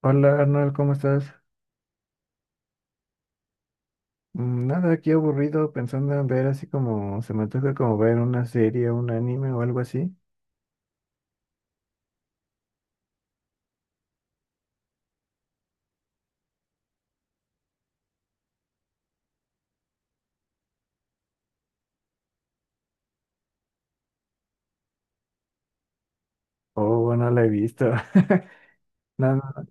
Hola Arnold, ¿cómo estás? Nada, aquí aburrido pensando en ver así como, se me antoja como ver una serie, un anime o algo así. Oh, bueno, la he visto. Nada.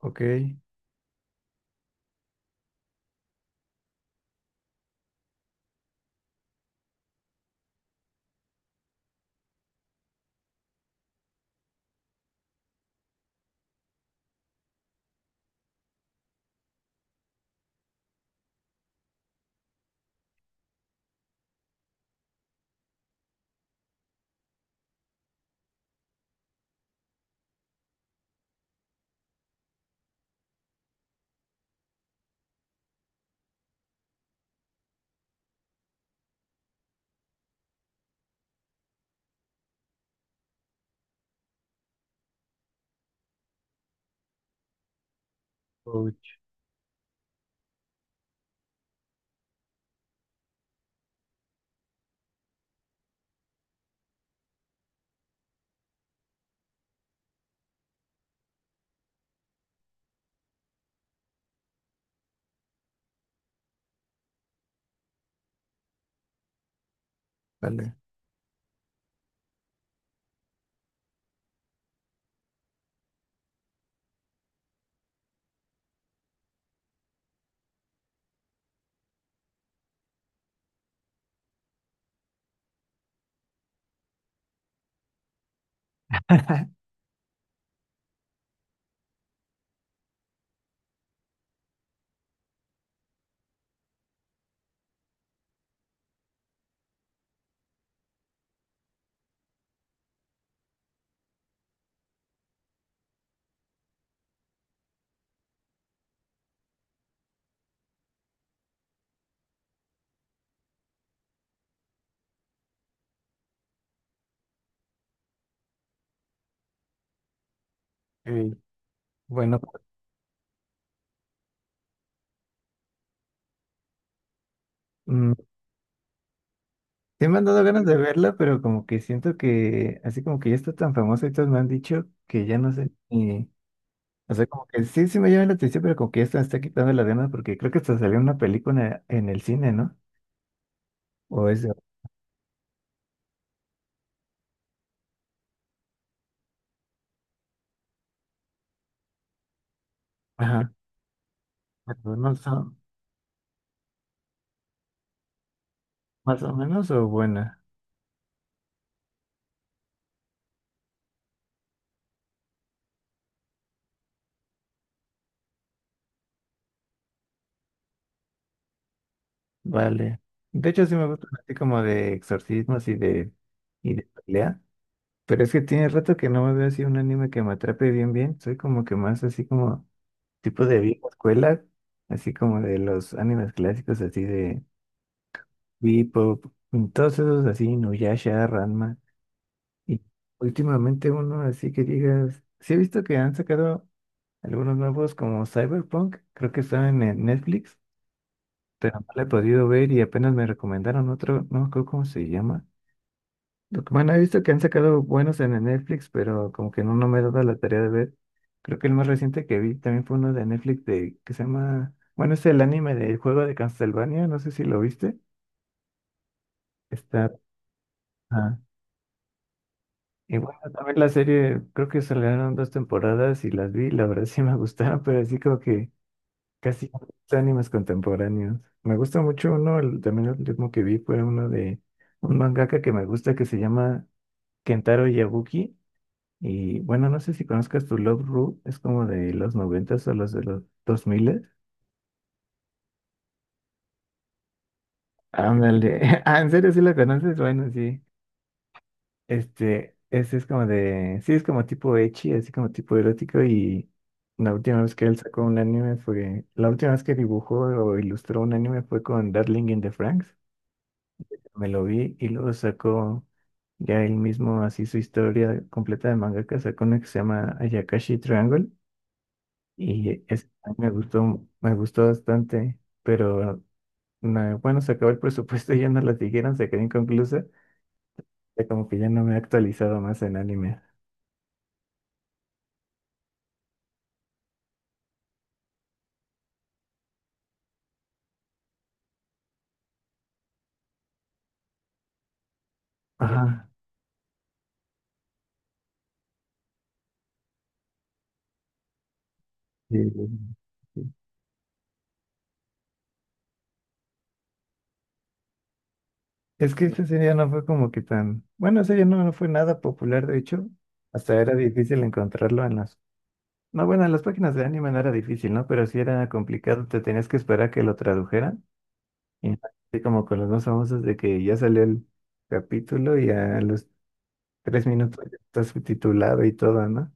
Ok. Oh, vale. Ok. Bueno, mm, sí me han dado ganas de verla, pero como que siento que, así como que ya está tan famosa y todos me han dicho que ya no sé ni, o sea, como que sí, sí me llama la atención, pero como que ya se me está quitando las ganas porque creo que hasta salió una película en el cine, ¿no? O es, de- ajá, pero no, sé. Más o menos o buena. Vale. De hecho, sí me gusta así como de exorcismos y de pelea. Pero es que tiene rato que no me veo así un anime que me atrape bien, bien. Soy como que más así como tipo de vieja escuela, así como de los animes clásicos, así de Bebop, y todos esos así, Nuyasha, Ranma. Y últimamente uno así que digas, sí he visto que han sacado algunos nuevos como Cyberpunk, creo que están en Netflix. Pero no la he podido ver y apenas me recomendaron otro, no me acuerdo cómo se llama. Lo que- bueno, he visto que han sacado buenos en el Netflix, pero como que no, no me he dado la tarea de ver. Creo que el más reciente que vi también fue uno de Netflix de, que se llama, bueno, es el anime del juego de Castlevania, no sé si lo viste. Está, ah, y bueno, también la serie, creo que salieron dos temporadas y las vi, la verdad sí me gustaron, pero así como que casi no me gustan animes contemporáneos. Me gusta mucho uno, el- también el último que vi fue uno de un mangaka que me gusta que se llama Kentaro Yabuki. Y bueno, no sé si conozcas tu Love Ru, es como de los noventas o los de los dos miles. Ándale. Ah, ¿en serio sí la conoces? Bueno, sí. Este, ese es como de, sí, es como tipo ecchi, así como tipo erótico y la última vez que él sacó un anime fue, la última vez que dibujó o ilustró un anime fue con Darling in the Franxx. Me lo vi y luego sacó ya él mismo así su historia completa de mangaka, sacó una que se llama Ayakashi Triangle y es, a mí me gustó bastante, pero no, bueno, se acabó el presupuesto y ya no la siguieron, se quedó inconclusa, ya como que ya no me he actualizado más en anime. Ajá. Sí, sí, sí. Es que esta serie no fue como que tan, bueno, esa serie no, no fue nada popular, de hecho, hasta era difícil encontrarlo en las... No, bueno, en las páginas de anime no era difícil, ¿no? Pero sí era complicado, te tenías que esperar a que lo tradujeran. Y así como con los más famosos de que ya salió el capítulo y a los tres minutos ya está subtitulado y todo, ¿no?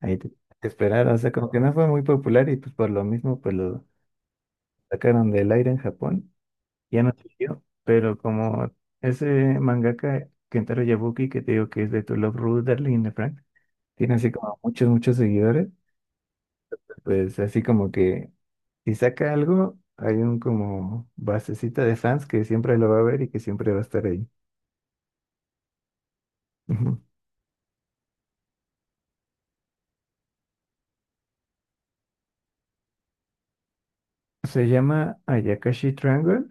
Ahí te esperaron, o sea, como que no fue muy popular y pues por lo mismo pues lo sacaron del aire en Japón, ya no siguió. Pero como ese mangaka Kentaro Yabuki, que te digo que es de To Love, Ruth, Darling in the Frank, tiene así como muchos, muchos seguidores. Pues así como que si saca algo, hay un como basecita de fans que siempre lo va a ver y que siempre va a estar ahí. Ujú. Se llama Ayakashi Triangle.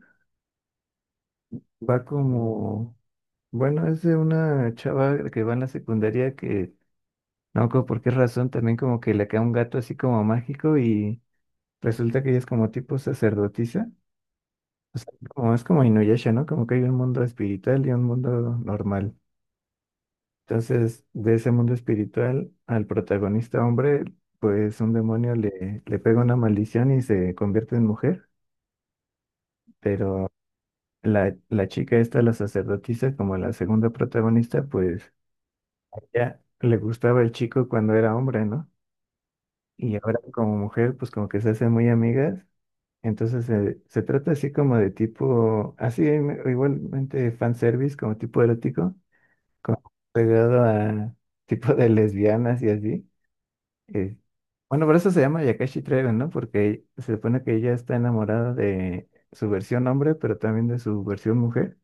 Va como, bueno, es de una chava que va en la secundaria que, no recuerdo por qué razón, también como que le cae un gato así como mágico y resulta que ella es como tipo sacerdotisa. O sea, como es como Inuyasha, ¿no? Como que hay un mundo espiritual y un mundo normal. Entonces, de ese mundo espiritual, al protagonista hombre, pues un demonio le pega una maldición y se convierte en mujer, pero la chica esta, la sacerdotisa, como la segunda protagonista, pues ya le gustaba el chico cuando era hombre, ¿no? Y ahora como mujer, pues como que se hacen muy amigas. Entonces se trata así como de tipo, así im- igualmente fanservice, como tipo erótico, como pegado a tipo de lesbianas y así. Eh, bueno, por eso se llama Yakashi Treven, ¿no? Porque se supone que ella está enamorada de su versión hombre, pero también de su versión mujer.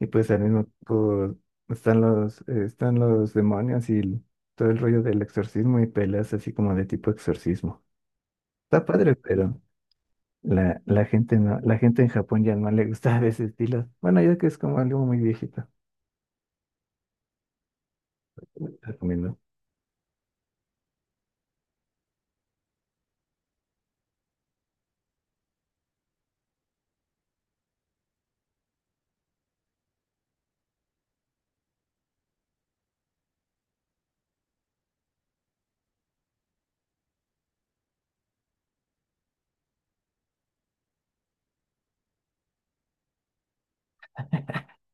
Y pues al mismo tiempo están los demonios y el- todo el rollo del exorcismo y peleas así como de tipo exorcismo. Está padre, pero la gente no, la gente en Japón ya no le gusta ese estilo. Bueno, ya que es como algo muy viejito, recomiendo.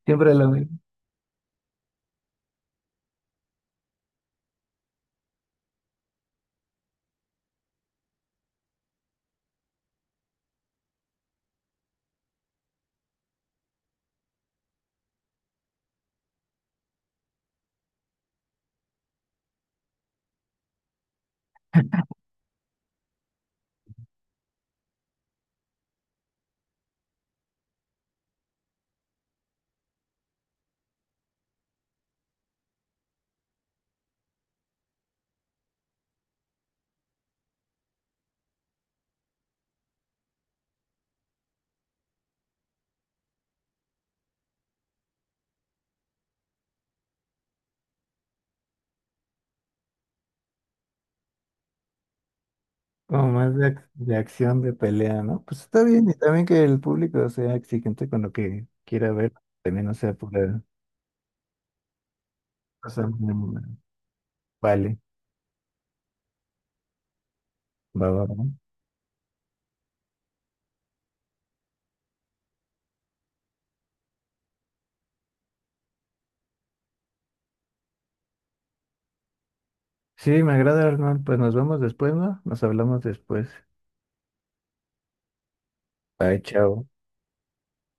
Siempre lo mismo. Como más de, ac- de acción, de pelea, ¿no? Pues está bien, y también que el público sea exigente con lo que quiera ver, también no sea pura cosa. Mm. Vale, va, va, va. Sí, me agrada, Arnold. Pues nos vemos después, ¿no? Nos hablamos después. Bye, chao.